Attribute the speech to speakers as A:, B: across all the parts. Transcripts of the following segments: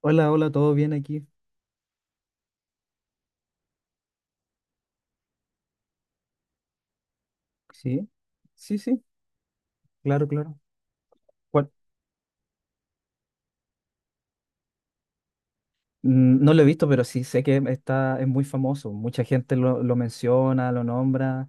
A: Hola, hola, ¿todo bien aquí? Sí, sí, sí, claro, claro. ¿Cuál? Mm, no lo he visto, pero sí sé que es muy famoso. Mucha gente lo menciona, lo nombra.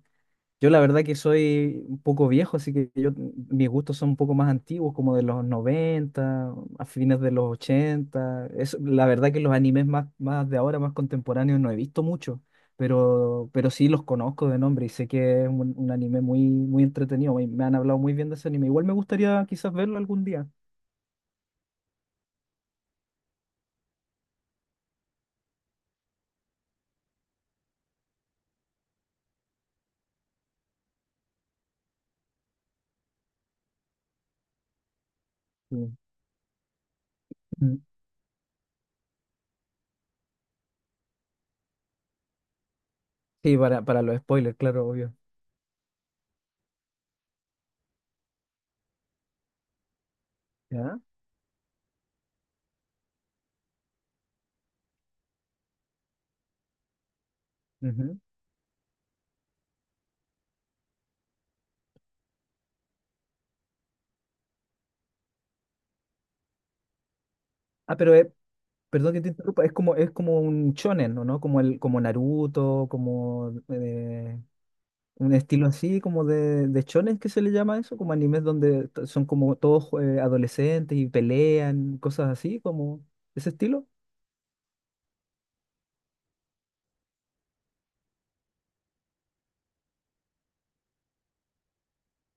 A: Yo la verdad que soy un poco viejo, así que mis gustos son un poco más antiguos, como de los 90 a fines de los ochenta. La verdad que los animes más de ahora, más contemporáneos, no he visto mucho, pero sí los conozco de nombre y sé que es un anime muy, muy entretenido. Me han hablado muy bien de ese anime. Igual me gustaría quizás verlo algún día. Sí. Mm. Sí, para los spoilers, claro, obvio. ¿Ya? Ujú. Ah, pero es- perdón que te interrumpa, es es como un shonen, ¿no? Como como Naruto, como un estilo así, como de shonen que se le llama eso, como animes donde son como todos adolescentes y pelean, cosas así, como ese estilo.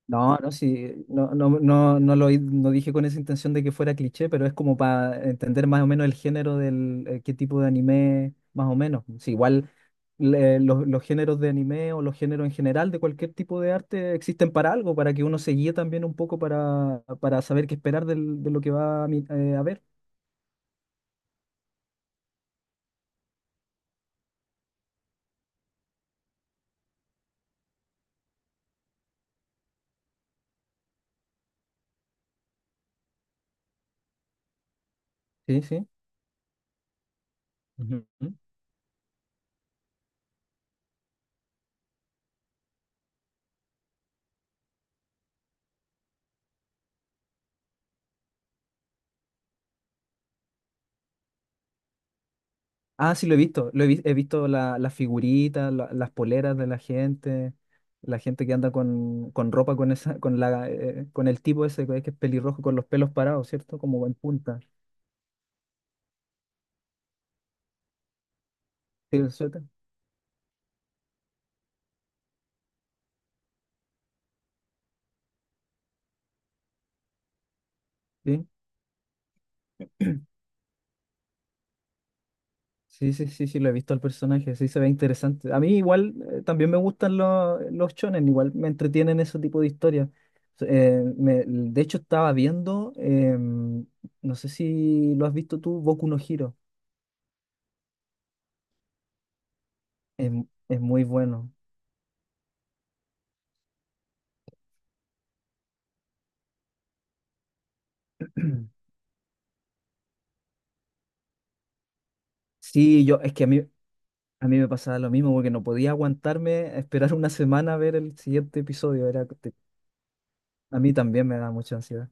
A: No, no, sí, no, no, no, no dije con esa intención de que fuera cliché, pero es como para entender más o menos el género qué tipo de anime, más o menos. Sí, igual. Los géneros de anime o los géneros en general de cualquier tipo de arte existen para algo, para que uno se guíe también un poco para saber qué esperar de lo que va a ver. Sí, sí. Ujú. Ah, sí, lo he visto. He visto las figuritas, las poleras de la gente que anda con ropa con esa, con el tipo ese que es pelirrojo con los pelos parados, ¿cierto? Como en punta. Sí, el suéter. ¿Sí? Sí, sí, sí, sí, lo he visto al personaje, sí se ve interesante. A mí igual también me gustan los chones, igual me entretienen ese tipo de historias. De hecho estaba viendo, no sé si lo has visto tú, Boku no Hero. Es, es muy bueno. Sí, es que a mí me pasaba lo mismo, porque no podía aguantarme a esperar una semana a ver el siguiente episodio. A mí también me da mucha ansiedad.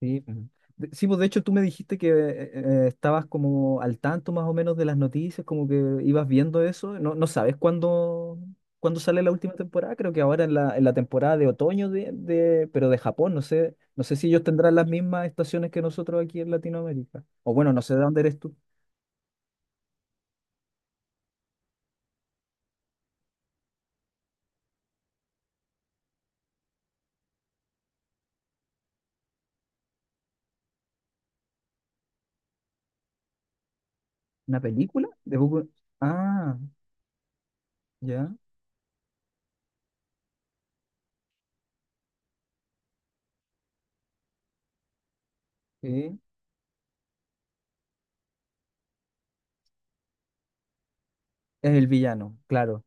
A: Sí, pues. Sí, pues de hecho tú me dijiste que estabas como al tanto más o menos de las noticias, como que ibas viendo eso. No, no sabes cuándo sale la última temporada, creo que ahora en en la temporada de otoño pero de Japón, no sé, no sé si ellos tendrán las mismas estaciones que nosotros aquí en Latinoamérica. O bueno, no sé de dónde eres tú. ¿Una película? Ah, ya. Sí. Es el villano, claro.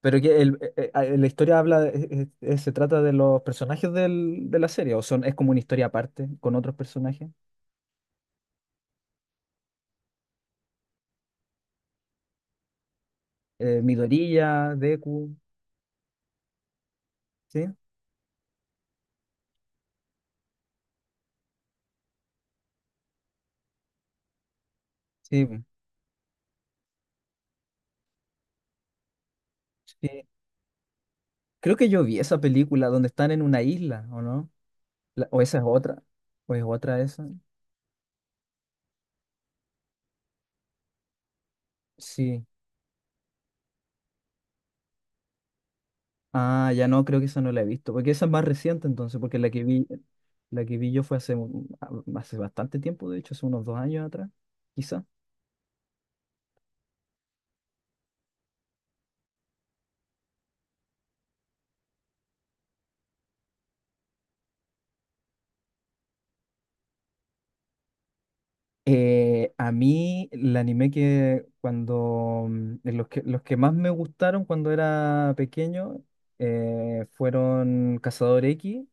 A: Pero que la historia habla, se trata de los personajes de la serie, o son, es como una historia aparte con otros personajes. Midoriya, Deku. ¿Sí? Sí, po, sí. Creo que yo vi esa película donde están en una isla, ¿o no? O esa es otra, o es otra esa. Sí. Ah, ya no, creo que esa no la he visto, porque esa es más reciente entonces, porque la que vi yo fue hace bastante tiempo, de hecho, hace unos 2 años atrás, quizás. A mí el anime que de los que más me gustaron cuando era pequeño fueron Cazador X,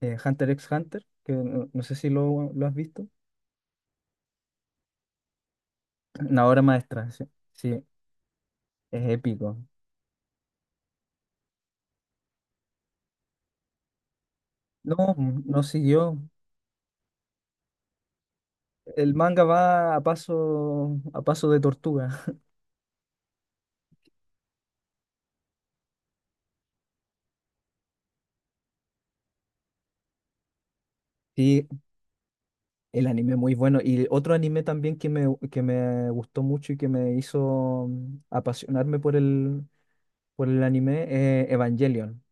A: Hunter x Hunter, que no, no sé si lo has visto. Una obra maestra, sí, sí, es épico. No, no siguió. El manga va a paso de tortuga. Sí, el anime muy bueno. Y otro anime también que me gustó mucho y que me hizo apasionarme por el anime, Evangelion.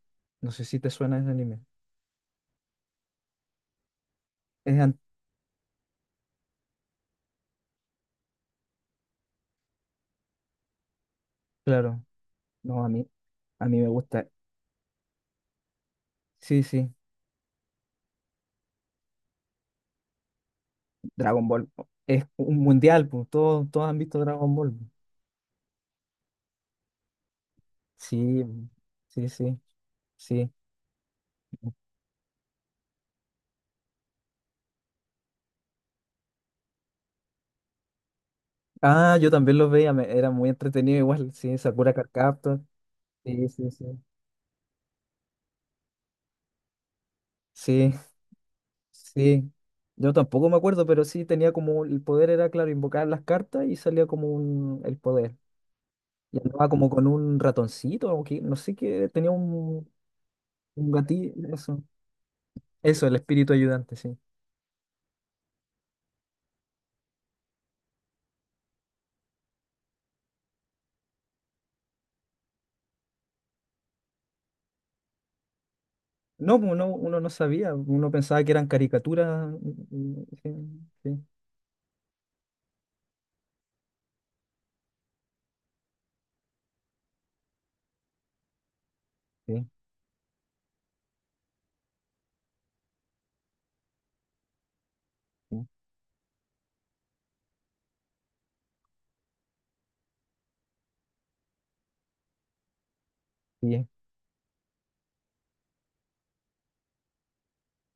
A: No sé si te suena ese anime. Es an- claro, no, a mí me gusta. Sí, sí, Dragon Ball. Es un mundial, pues, todos, todos han visto Dragon Ball. Sí, sí, sí, sí. Ah, yo también los veía, era muy entretenido igual, sí, Sakura Card Captor. Sí, sí, sí. Sí, sí. Yo tampoco me acuerdo, pero sí tenía como el poder era, claro, invocar las cartas y salía como el poder. Y andaba como con un ratoncito, o que, no sé qué, tenía un gatillo, eso. Eso, el espíritu ayudante, sí. No, pues, uno no sabía, uno pensaba que eran caricaturas. Sí, sí, sí, sí, sí.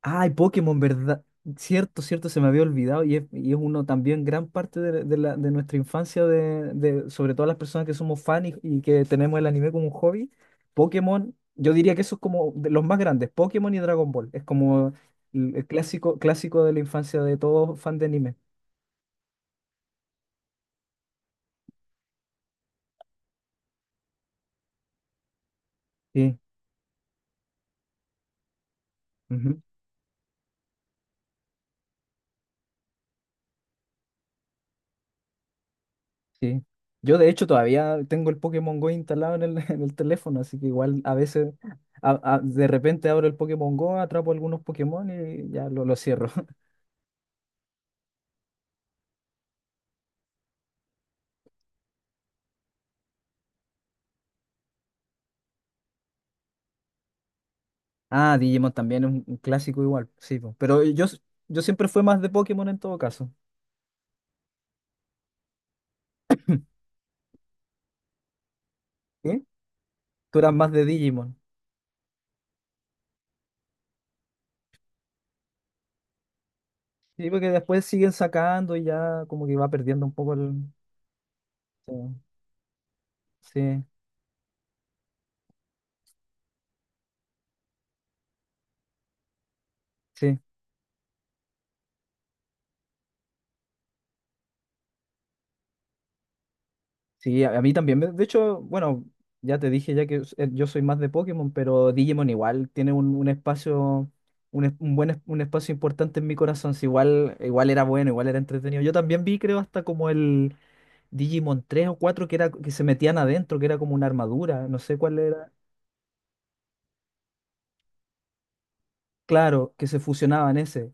A: Ay, Pokémon, ¿verdad? Cierto, cierto, se me había olvidado y es uno también gran parte de, de nuestra infancia, de, sobre todo las personas que somos fan y que tenemos el anime como un hobby. Pokémon, yo diría que eso es como de los más grandes, Pokémon y Dragon Ball. Es como el clásico, clásico de la infancia de todo fan de anime. Sí, ujú, sí. Yo de hecho todavía tengo el Pokémon Go instalado en el, en el teléfono, así que igual a veces... De repente abro el Pokémon Go, atrapo algunos Pokémon y ya lo cierro. Ah, Digimon también es un clásico igual, sí, po. Pero yo siempre fui más de Pokémon en todo caso. ¿Sí? Tú eras más de Digimon. Sí, porque después siguen sacando y ya como que va perdiendo un poco el... Sí, sí, sí. Sí, a mí también. De hecho, bueno, ya te dije ya que yo soy más de Pokémon, pero Digimon igual tiene un espacio, un, es- un buen es- un espacio importante en mi corazón. Sí, igual, igual era bueno, igual era entretenido. Yo también vi, creo, hasta como el... Digimon 3 o 4 que, era, que se metían adentro, que era como una armadura, no sé cuál era. Claro, que se fusionaban ese.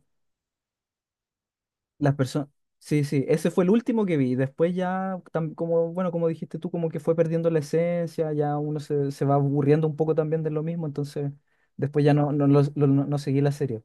A: Las personas. Sí, sí, ese fue el último que vi. Después ya, como, bueno, como dijiste tú, como que fue perdiendo la esencia, ya uno se, se va aburriendo un poco también de lo mismo, entonces después ya no, no, no seguí la serie.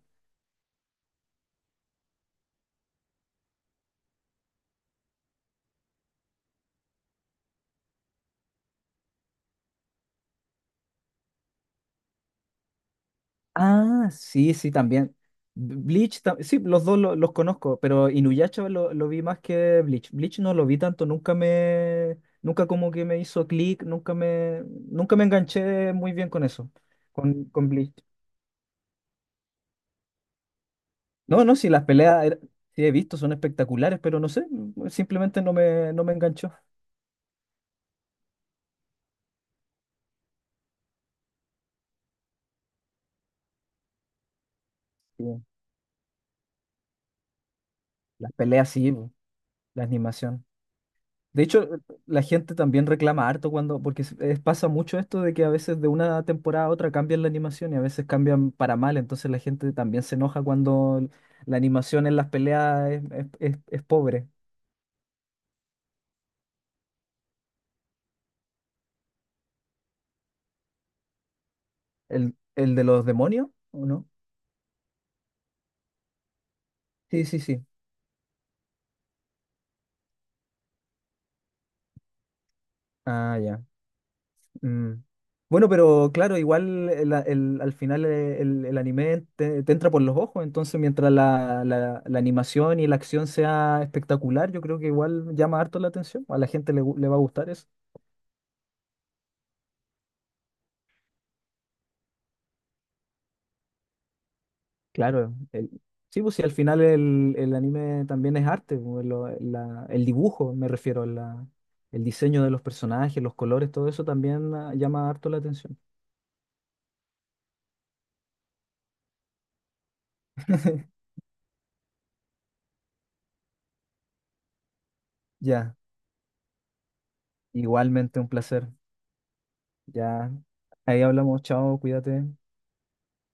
A: Ah, sí, sí, también. Sí, los dos los conozco, pero Inuyasha lo vi más que Bleach. Bleach no lo vi tanto, nunca como que me hizo clic, nunca me, nunca me enganché muy bien con eso, con Bleach. No, no, sí, sí he visto, son espectaculares, pero no sé, simplemente no me enganchó. Sí, las peleas sí, po, la animación. De hecho, la gente también reclama harto cuando, porque pasa mucho esto de que a veces de una temporada a otra cambian la animación y a veces cambian para mal, entonces la gente también se enoja cuando la animación en las peleas es pobre. El de los demonios? ¿O no? Sí, sí, sí. Ah, ya. Mm. Bueno, pero claro, igual al final el anime te, te entra por los ojos, entonces mientras la animación y la acción sea espectacular, yo creo que igual llama harto la atención, a la gente le va a gustar eso. Claro, el- sí, pues si al final el anime también es arte, pues, el dibujo me refiero, el diseño de los personajes, los colores, todo eso también ah, llama harto la atención. Ya, igualmente un placer. Ya, ahí hablamos, chao, cuídate.